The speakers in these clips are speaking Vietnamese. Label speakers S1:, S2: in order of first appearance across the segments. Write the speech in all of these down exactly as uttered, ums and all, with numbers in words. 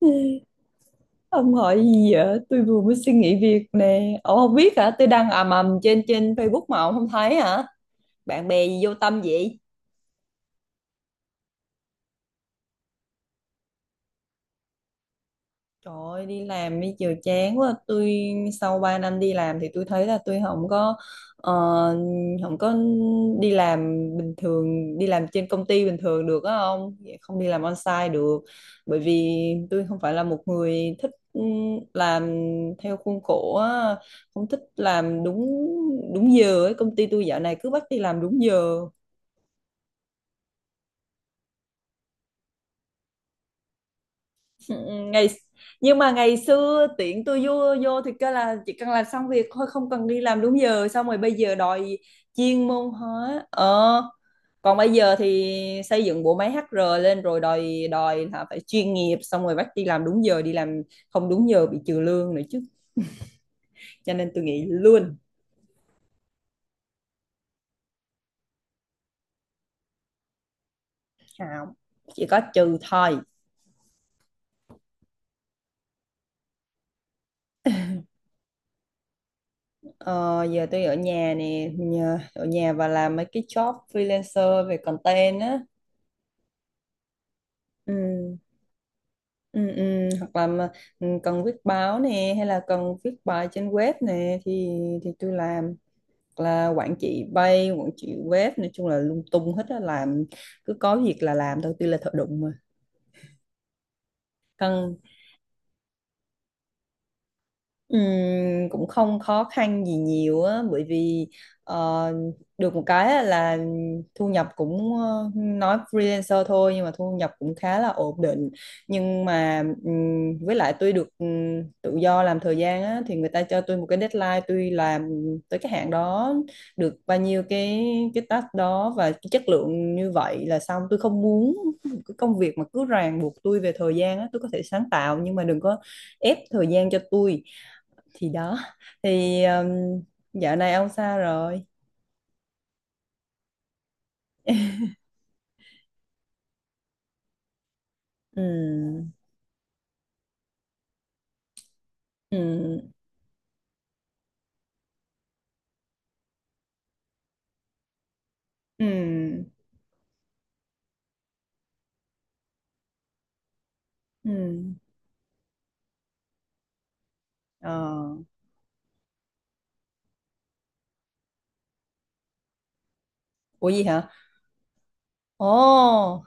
S1: Ê, ông hỏi gì vậy? Tôi vừa mới suy nghĩ việc nè. Ông không biết hả? Tôi đang ầm ầm trên trên Facebook mà ông không thấy hả? Bạn bè gì vô tâm vậy? Trời ơi, đi làm đi chiều chán quá. Tôi sau ba năm đi làm thì tôi thấy là tôi không có ờ, không có đi làm bình thường, đi làm trên công ty bình thường được á, không không đi làm on-site được. Bởi vì tôi không phải là một người thích ừ, làm theo khuôn khổ á, không thích làm đúng đúng giờ ấy. Công ty tôi dạo này cứ bắt đi làm đúng giờ. Ừ, ngày nhưng mà ngày xưa tiện tôi vô vô thì kêu là chỉ cần làm xong việc thôi, không cần đi làm đúng giờ, xong rồi bây giờ đòi chuyên môn hóa, ờ còn bây giờ thì xây dựng bộ máy hát rờ lên rồi đòi đòi là phải chuyên nghiệp, xong rồi bắt đi làm đúng giờ, đi làm không đúng giờ bị trừ lương nữa chứ. Cho nên tôi nghĩ luôn. Không, chỉ có trừ thôi. ờ, Giờ tôi ở nhà nè, nhờ- ở nhà và làm mấy cái job freelancer về content á. Ừ. Ừ, ừ, hoặc là mà, ừ, cần viết báo nè hay là cần viết bài trên web nè thì thì tôi làm. Hoặc là quản trị bay quản trị web, nói chung là lung tung hết á, làm cứ có việc là làm thôi, tôi là thợ đụng mà. Cần... Ừm, cũng không khó khăn gì nhiều á, bởi vì ờ, được một cái á là thu nhập cũng, ờ, nói freelancer thôi nhưng mà thu nhập cũng khá là ổn định, nhưng mà ừm, với lại tôi được, ừm, tự do làm thời gian á, thì người ta cho tôi một cái deadline, tôi làm tới cái hạn đó, được bao nhiêu cái cái task đó và cái chất lượng như vậy là xong. Tôi không muốn cái công việc mà cứ ràng buộc tôi về thời gian á. Tôi có thể sáng tạo nhưng mà đừng có ép thời gian cho tôi. Thì đó. Thì um, dạo này ông sao rồi? Ừ. Ừ. Ừ. Ừ. Ờ. Ủa, gì hả? Ồ.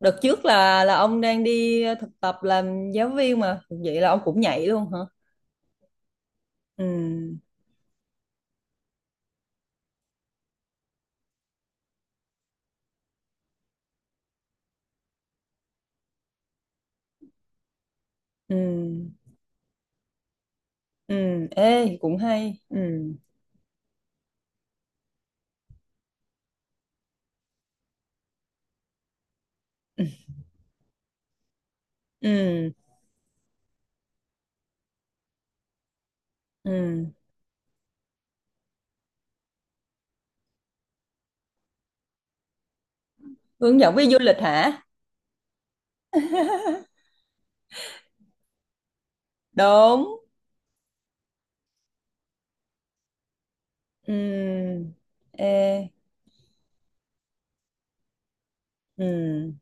S1: Đợt trước là là ông đang đi thực tập làm giáo viên mà, vậy là ông cũng nhảy luôn hả? Ừ. Ừ. Ừ. Ê, cũng hay. Ừ. Ừ. Ừ. Ừ. Hướng dẫn viên du lịch hả? Đúng. Ừ. Ê. Ừ.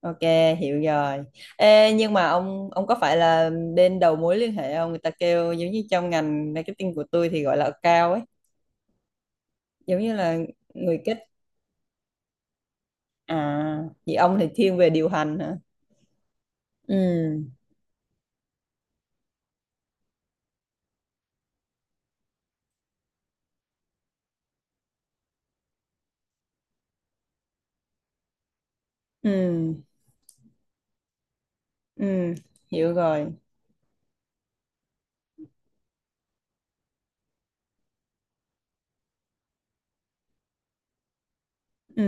S1: Ok, hiểu rồi. Ê, nhưng mà ông ông có phải là bên đầu mối liên hệ không? Người ta kêu giống như trong ngành marketing của tôi thì gọi là account ấy, giống như là người kết à, vậy ông thì thiên về điều hành hả? Ừ, ừ, ừ, hiểu rồi. Ừ,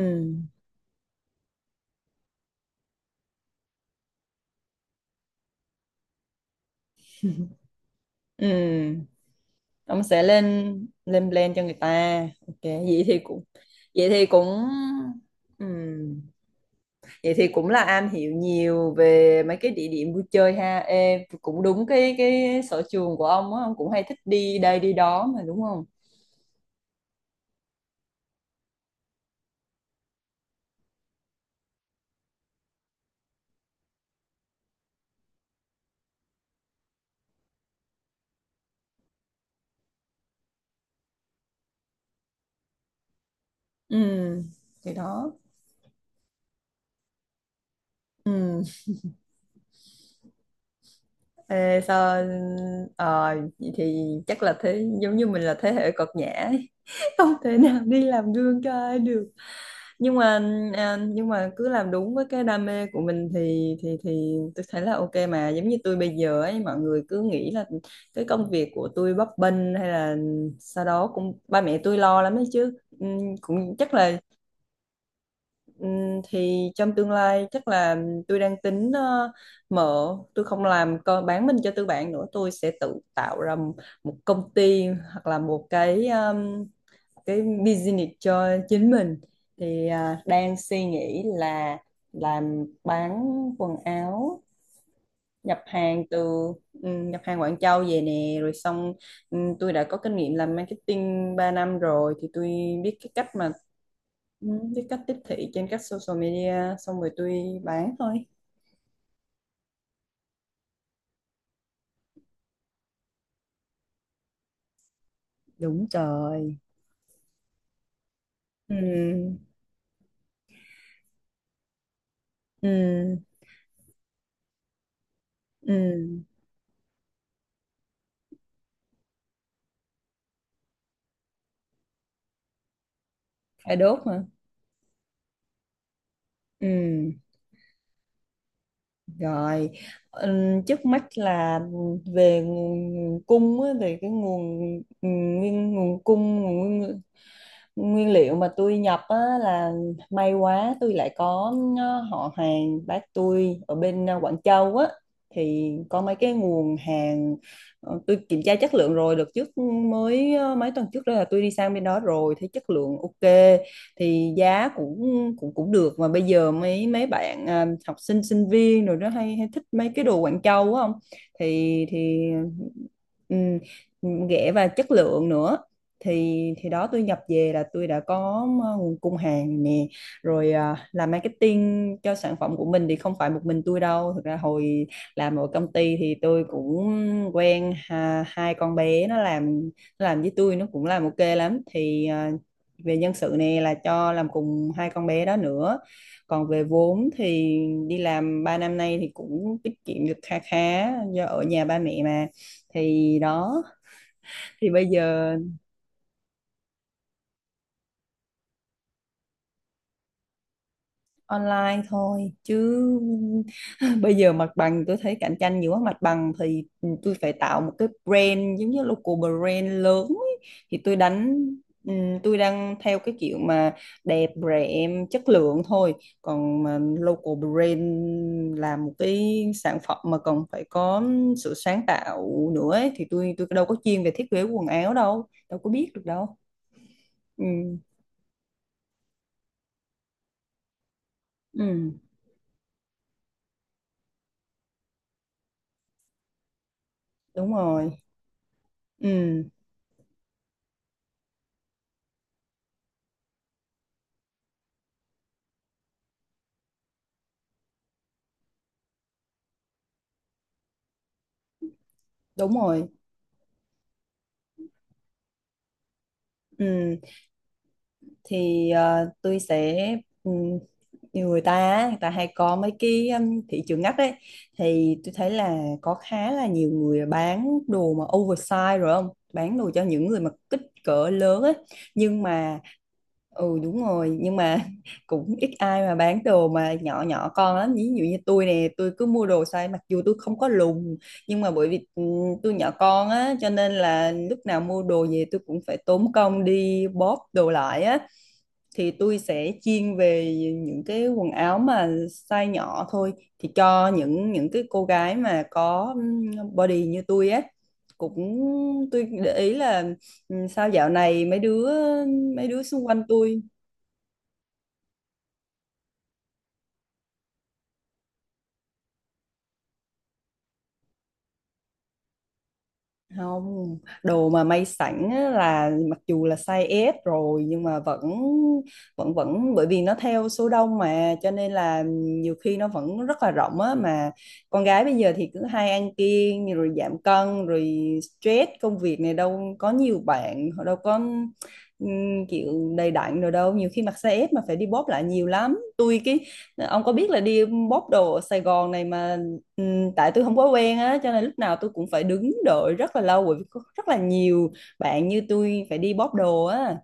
S1: ừ. Ông sẽ lên lên plan cho người ta. Ok, vậy thì cũng vậy thì cũng ừ. Vậy thì cũng là am hiểu nhiều về mấy cái địa điểm vui chơi ha. Ê, cũng đúng cái cái sở trường của ông á, ông cũng hay thích đi đây đi đó mà đúng không? Ừ, thì đó. Ừ. Ê, sao ờ, vậy thì chắc là thế, giống như mình là thế hệ cợt nhã, không thể nào đi làm gương cho ai được, nhưng mà à, nhưng mà cứ làm đúng với cái đam mê của mình thì thì thì tôi thấy là ok mà. Giống như tôi bây giờ ấy, mọi người cứ nghĩ là cái công việc của tôi bấp bênh hay là sau đó cũng, ba mẹ tôi lo lắm đấy chứ. Ừm, cũng chắc là, ừm, thì trong tương lai chắc là tôi đang tính, ờ, mở tôi không làm, co bán mình cho tư bản nữa, tôi sẽ tự tạo ra một công ty, hoặc là một cái um, cái business cho chính mình. Thì à, đang suy nghĩ là làm bán quần áo, nhập hàng từ, ừ, nhập hàng Quảng Châu về nè, rồi xong, ừ, tôi đã có kinh nghiệm làm marketing ba năm rồi, thì tôi biết cái cách mà, ừ, biết cách tiếp thị trên các social media, xong rồi tôi bán thôi. Đúng trời. Ừ. Ừ. Ừ. Phải đốt hả? Ừ. Rồi, ừm, trước mắt là về nguồn cung á, về cái nguồn nguyên nguồn cung nguồn nguyên nguyên liệu mà tôi nhập á, là may quá tôi lại có, ờ, họ hàng bác tôi ở bên, ờ, Quảng Châu á, thì có mấy cái nguồn hàng. Ờ, tôi kiểm tra chất lượng rồi, đợt trước mới, ờ, mấy tuần trước đó là tôi đi sang bên đó rồi, thấy chất lượng ok, thì giá cũng cũng cũng được mà. Bây giờ mấy mấy bạn à, học sinh sinh viên rồi đó, hay hay thích mấy cái đồ Quảng Châu á không, thì thì ừ, rẻ và chất lượng nữa. Thì thì đó, tôi nhập về là tôi đã có, à, nguồn cung hàng nè, rồi à, làm marketing cho sản phẩm của mình thì không phải một mình tôi đâu. Thực ra hồi làm ở công ty thì tôi cũng quen, ha- hai con bé nó làm nó làm với tôi, nó cũng làm ok lắm. Thì à, về nhân sự này là cho làm cùng hai con bé đó nữa. Còn về vốn thì đi làm ba năm nay thì cũng tiết kiệm được kha khá, do ở nhà ba mẹ mà. Thì đó. Thì bây giờ online thôi chứ, bây giờ mặt bằng tôi thấy cạnh tranh nhiều quá. Mặt bằng thì, ừ, tôi phải tạo một cái brand giống như local brand lớn ấy. Thì tôi đánh ừm, tôi đang theo cái kiểu mà đẹp, rẻ, chất lượng thôi. Còn mà local brand là một cái sản phẩm mà còn phải có sự sáng tạo nữa ấy, thì tôi tôi đâu có chuyên về thiết kế quần áo đâu, đâu có biết được đâu. Ừ. Ừ. Đúng rồi. Ừ. Đúng rồi. Ừ. Thì ờ, tôi sẽ, ừm, nhiều người ta á, người ta hay có mấy cái, ừm, thị trường ngách ấy, thì tôi thấy là có khá là nhiều người bán đồ mà oversize, rồi không bán đồ cho những người mà kích cỡ lớn ấy nhưng mà. Ừ, đúng rồi. Nhưng mà cũng ít ai mà bán đồ mà nhỏ nhỏ con lắm. Ví dụ như tôi nè, tôi cứ mua đồ size, mặc dù tôi không có lùn nhưng mà bởi vì, ừ, tôi nhỏ con á, cho nên là lúc nào mua đồ về tôi cũng phải tốn công đi bóp đồ lại á. Thì tôi sẽ chuyên về những cái quần áo mà size nhỏ thôi, thì cho những những cái cô gái mà có, ừm, body như tôi á, cũng. Tôi để ý là, ừm, sao dạo này mấy đứa mấy đứa xung quanh tôi... Không, đồ mà may sẵn á là mặc dù là size ét rồi nhưng mà vẫn vẫn vẫn bởi vì nó theo số đông mà, cho nên là nhiều khi nó vẫn rất là rộng á mà. Con gái bây giờ thì cứ hay ăn kiêng rồi giảm cân rồi stress công việc này đâu, có nhiều bạn họ đâu có, ừm, kiểu đầy đặn rồi đâu, nhiều khi mặc size ét mà phải đi bóp lại nhiều lắm. Tôi cái ông có biết là đi bóp đồ ở Sài Gòn này mà. Ừ, tại tôi không quá quen á, cho nên lúc nào tôi cũng phải đứng đợi rất là lâu, bởi vì có rất là nhiều bạn như tôi phải đi bóp đồ á.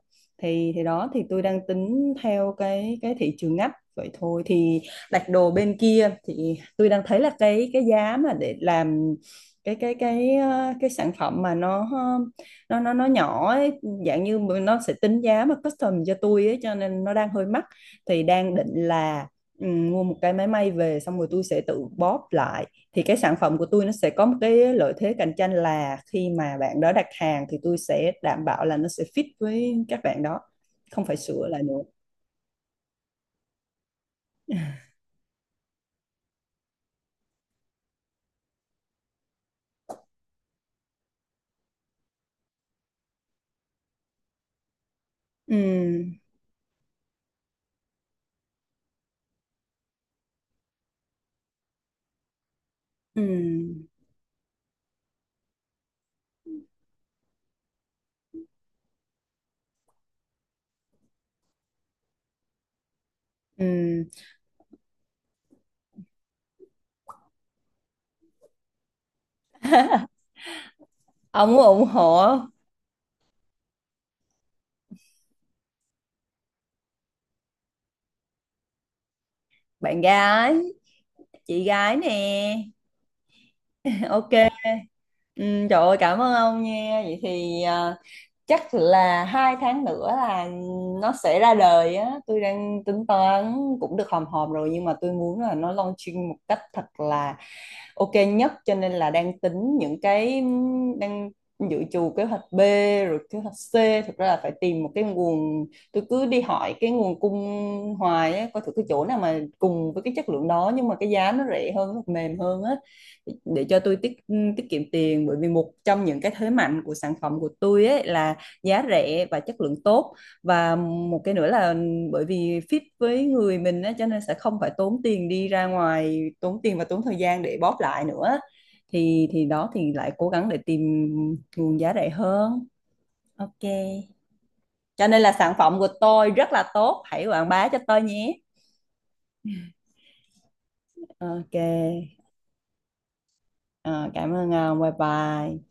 S1: Thì thì đó, thì tôi đang tính theo cái cái thị trường ngách vậy thôi. Thì đặt đồ bên kia thì tôi đang thấy là cái cái giá mà để làm cái cái cái ờ, cái sản phẩm mà nó nó nó nó nhỏ ấy, dạng như nó sẽ tính giá mà custom cho tôi ấy, cho nên nó đang hơi mắc. Thì đang định là, ừ, mua một cái máy may về, xong rồi tôi sẽ tự bóp lại. Thì cái sản phẩm của tôi nó sẽ có một cái lợi thế cạnh tranh là khi mà bạn đó đặt hàng thì tôi sẽ đảm bảo là nó sẽ fit với các bạn đó, không phải sửa lại nữa. Ừ. Ừ. Ừ. Ông ủng hộ. Bạn gái, chị gái nè. Ok. Ừ, trời ơi, cảm ơn ông nha. Vậy thì à, chắc là hai tháng nữa là nó sẽ ra đời á. Tôi đang tính toán cũng được hòm hòm rồi, nhưng mà tôi muốn là nó launching một cách thật là ok nhất, cho nên là đang tính những cái, đang dự trù kế hoạch bê rồi kế hoạch xê. Thực ra là phải tìm một cái nguồn, tôi cứ đi hỏi cái nguồn cung hoài á, coi thử cái chỗ nào mà cùng với cái chất lượng đó nhưng mà cái giá nó rẻ hơn, mềm hơn á, để cho tôi tiết tiết kiệm tiền. Bởi vì một trong những cái thế mạnh của sản phẩm của tôi ấy là giá rẻ và chất lượng tốt, và một cái nữa là bởi vì fit với người mình á, cho nên sẽ không phải tốn tiền đi ra ngoài, tốn tiền và tốn thời gian để bóp lại nữa. Thì thì đó, thì lại cố gắng để tìm nguồn giá rẻ hơn. Ok, cho nên là sản phẩm của tôi rất là tốt, hãy quảng bá cho tôi nhé. Ok. Ờ, cảm ơn ông, bye bye.